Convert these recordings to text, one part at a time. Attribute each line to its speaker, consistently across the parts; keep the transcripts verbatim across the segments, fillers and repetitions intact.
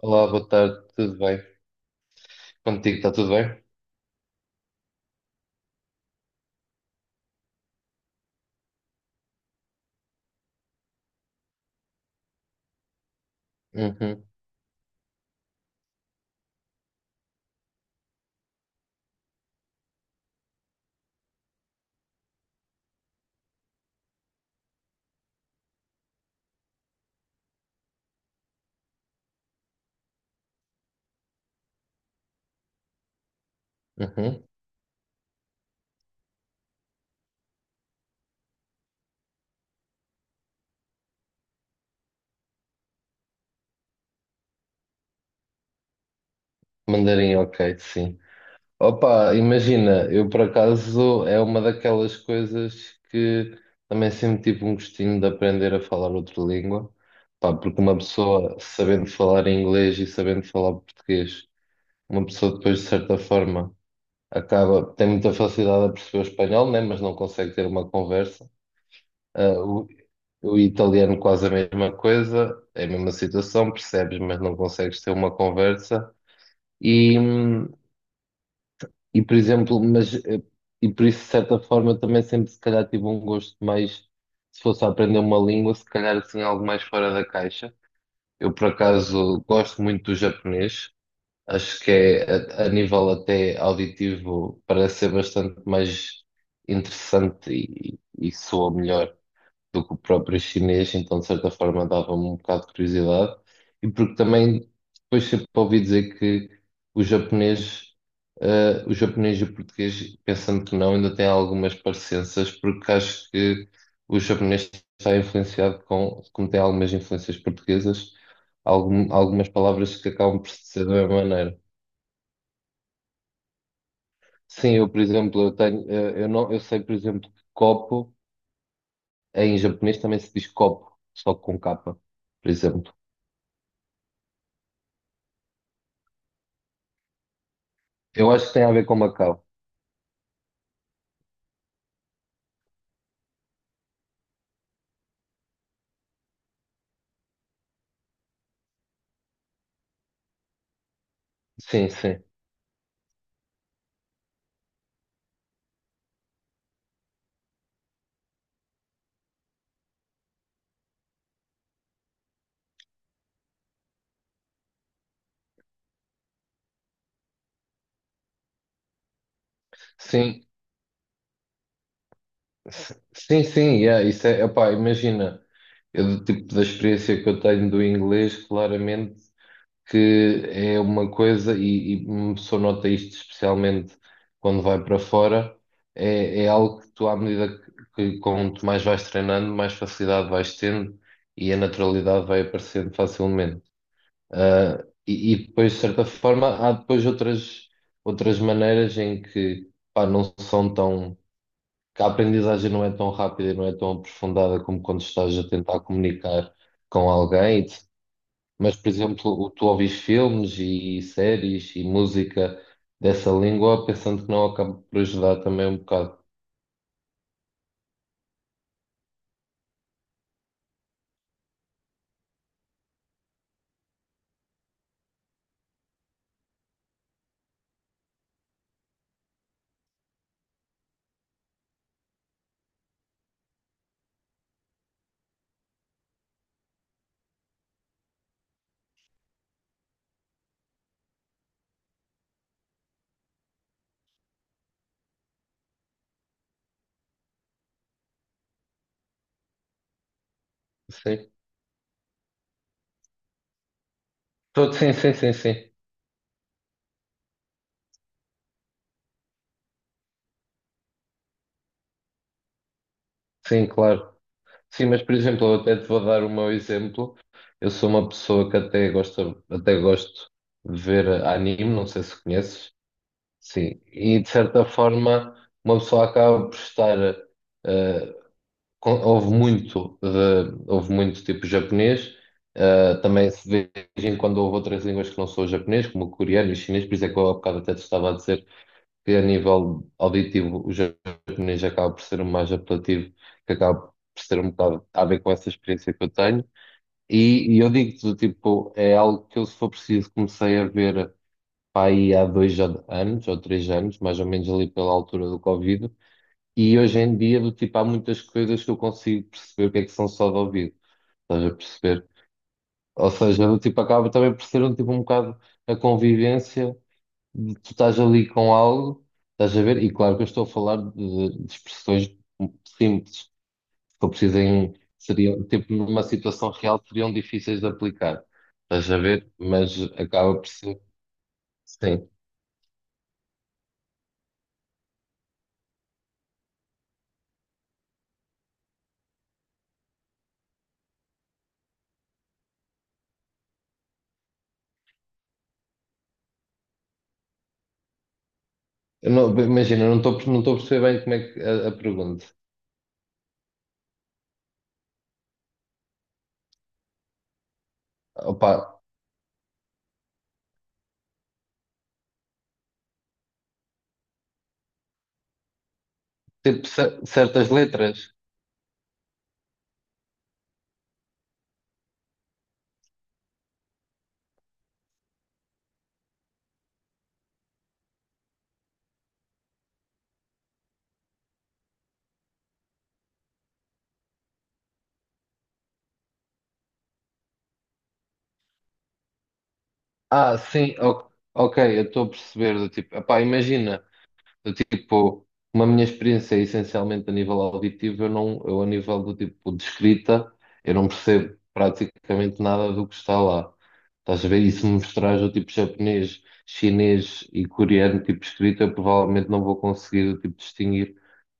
Speaker 1: Olá, boa tarde, tudo bem? Contigo está tudo bem? Uhum, uhum. Mandarim, ok, sim. Opa, imagina, eu por acaso é uma daquelas coisas que também sempre tive um gostinho de aprender a falar outra língua, pá, porque uma pessoa sabendo falar inglês e sabendo falar português, uma pessoa depois de certa forma acaba, tem muita facilidade a perceber o espanhol, né, mas não consegue ter uma conversa. Ah, o italiano quase a mesma coisa, é a mesma situação, percebes, mas não consegues ter uma conversa. E, hum, e por exemplo, mas, eh, e por isso, de certa forma, também sempre se calhar tive um gosto mais, se fosse a aprender uma língua, se calhar assim algo mais fora da caixa. Eu, por acaso, gosto muito do japonês, acho que é, a, a nível até auditivo, parece ser bastante mais interessante e, e soa melhor do que o próprio chinês, então de certa forma dava-me um bocado de curiosidade, e porque também depois sempre ouvi dizer que o japonês, eh, o japonês e o português, pensando que não, ainda têm algumas parecenças, porque acho que o japonês está influenciado com, como tem algumas influências portuguesas, algum- algumas palavras que acabam por ser da mesma maneira. Sim, eu, por exemplo, eu tenho, eh, eu não, eu sei, por exemplo, que copo em japonês também se diz copo, só com capa, por exemplo. Eu acho que tem a ver com Macau. Sim, sim. Sim, s- sim, sim, yeah, isso é, opá, imagina, eu do tipo da experiência que eu tenho do inglês, claramente que é uma coisa, e, e uma pessoa nota isto especialmente quando vai para fora, é, é algo que tu, à medida que, que quanto mais vais treinando, mais facilidade vais tendo e a naturalidade vai aparecendo facilmente. Ah, e, e depois, de certa forma, há depois outras, outras maneiras em que, pá, não são tão, que a aprendizagem não é tão rápida e não é tão aprofundada como quando estás a tentar comunicar com alguém. Mas, por exemplo, o- tu ouvis filmes e séries e música dessa língua, pensando que não acaba por ajudar também um bocado. Sim. Tô- Sim, sim, sim, sim. Sim, claro. Sim, mas por exemplo, eu até te vou dar o meu exemplo. Eu sou uma pessoa que até gosta, até gosto de ver anime, não sei se conheces. Sim, e de certa forma uma pessoa acaba por estar eh, com- ouve muito de, ouve muito tipo japonês, eh, também se vê de vez em quando ouve outras línguas que não são o japonês, como o coreano e o chinês, por isso é que eu há bocado até te estava a dizer que a nível auditivo o japonês acaba por ser o mais apelativo, que acaba por ser um bocado a ver com essa experiência que eu tenho. E, e eu digo-te, do tipo, é algo que eu, se for preciso, comecei a ver pá, aí há dois an- anos ou três anos, mais ou menos ali pela altura do Covid, e hoje em dia, do tipo, há muitas coisas que eu consigo perceber o que é que são só de ouvido, estás a perceber? Ou seja, do tipo, acaba também por ser um tipo um bocado a convivência tu estás ali com algo, estás a ver, e claro que eu estou a falar de, de expressões simples, que eu precisem, seriam, tipo, numa situação real, seriam difíceis de aplicar, estás a ver, mas acaba por ser, sim. Eu não- imagina, eu não estou, não estou a perceber bem como é que a, a pergunta. Opa, tipo, cer- certas letras. Ah, sim, o- ok, eu estou a perceber, do tipo, epá, imagina. Do tipo, uma minha experiência é essencialmente a nível auditivo, eu não, eu a nível do tipo de escrita, eu não percebo praticamente nada do que está lá. Estás a ver? E se me mostrares o tipo japonês, chinês e coreano, tipo escrita, eu provavelmente não vou conseguir tipo, distinguir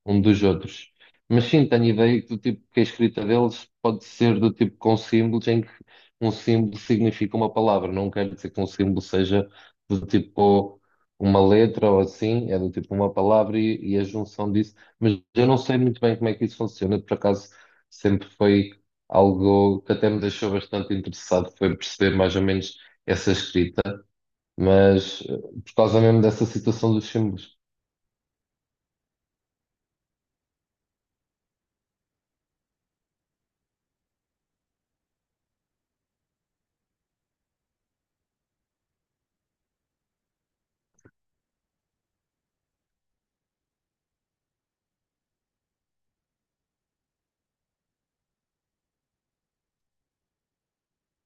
Speaker 1: um dos outros. Mas sim, tenho ideia que, do tipo, que a escrita deles pode ser do tipo com símbolos, em que um símbolo significa uma palavra. Não quer dizer que um símbolo seja do tipo uma letra ou assim, é do tipo uma palavra e, e a junção disso, mas eu não sei muito bem como é que isso funciona, por acaso sempre foi algo que até me deixou bastante interessado, foi perceber mais ou menos essa escrita, mas eh, por causa mesmo dessa situação dos símbolos.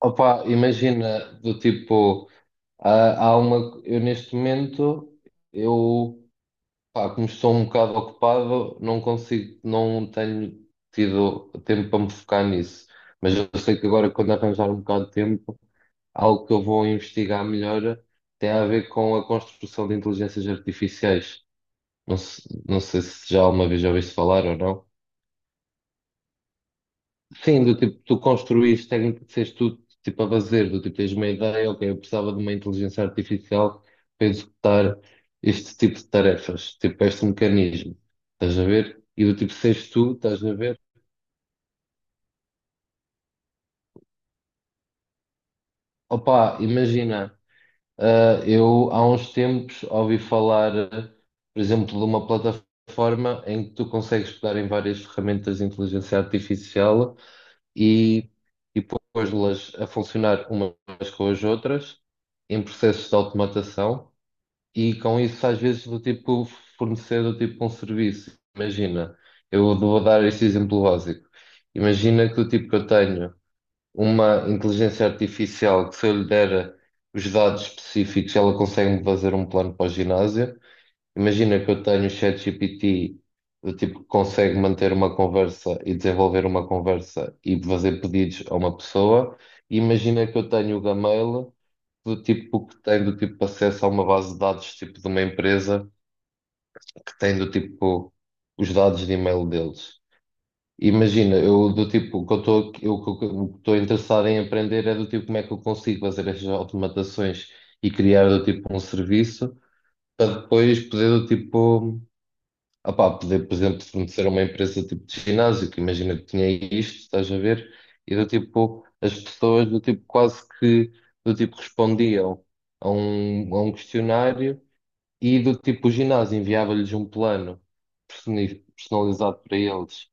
Speaker 1: Opa, imagina do tipo, ah, há uma, eu neste momento, eu pá, como estou um bocado ocupado, não consigo, não tenho tido tempo para me focar nisso. Mas eu sei que agora, quando arranjar um bocado de tempo, algo que eu vou investigar melhor tem a ver com a construção de inteligências artificiais. Não, se- não sei se já alguma vez já ouviste falar ou não. Sim, do tipo, tu construíste, tecnicamente, tu, tipo, a fazer, do tipo, tens uma ideia, ok, eu precisava de uma inteligência artificial para executar este tipo de tarefas, tipo, este mecanismo, estás a ver? E do tipo, seres tu, estás a ver? Opa, imagina, ah, eu há uns tempos ouvi falar, ah, por exemplo, de uma plataforma em que tu consegues pegar em várias ferramentas de inteligência artificial e, e pôs-las a funcionar umas com as outras em processos de automatação e com isso às vezes do tipo fornecer do tipo um serviço. Imagina, eu vou dar este exemplo básico. Imagina que do tipo que eu tenho uma inteligência artificial que se eu lhe der os dados específicos, ela consegue-me fazer um plano para o ginásio. Imagina que eu tenho o ChatGPT do tipo que consegue manter uma conversa e desenvolver uma conversa e fazer pedidos a uma pessoa. E imagina que eu tenho o Gmail do tipo que tem do tipo acesso a uma base de dados tipo de uma empresa que tem do tipo os dados de e-mail deles. Imagina, eu do tipo, o que eu estou eu- o que eu estou interessado em aprender é do tipo como é que eu consigo fazer estas automatações e criar do tipo um serviço para depois poder do tipo ah pá, poder, por exemplo, fornecer a uma empresa tipo de ginásio, que imagina que tinha isto, estás a ver? E do tipo, as pessoas do tipo quase que do tipo respondiam a um, a um questionário e do tipo o ginásio enviava-lhes um plano personi- personalizado para eles,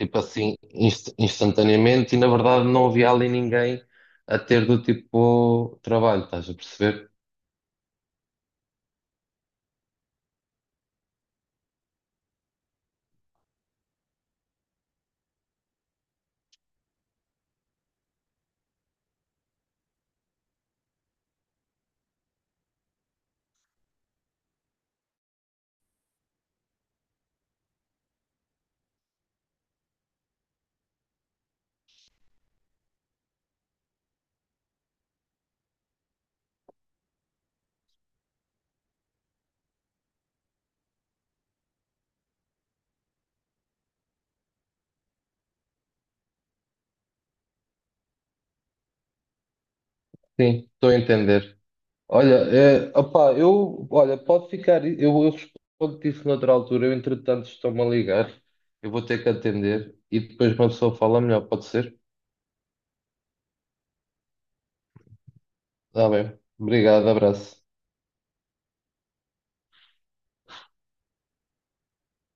Speaker 1: tipo assim, inst- instantaneamente, e na verdade não havia ali ninguém a ter do tipo trabalho, estás a perceber? Sim, estou a entender. Olha, é, opá, eu, olha, pode ficar, eu, eu respondo-te isso noutra altura, eu entretanto estou-me a ligar, eu vou ter que atender e depois uma pessoa fala melhor, pode ser? Está bem, obrigado, abraço.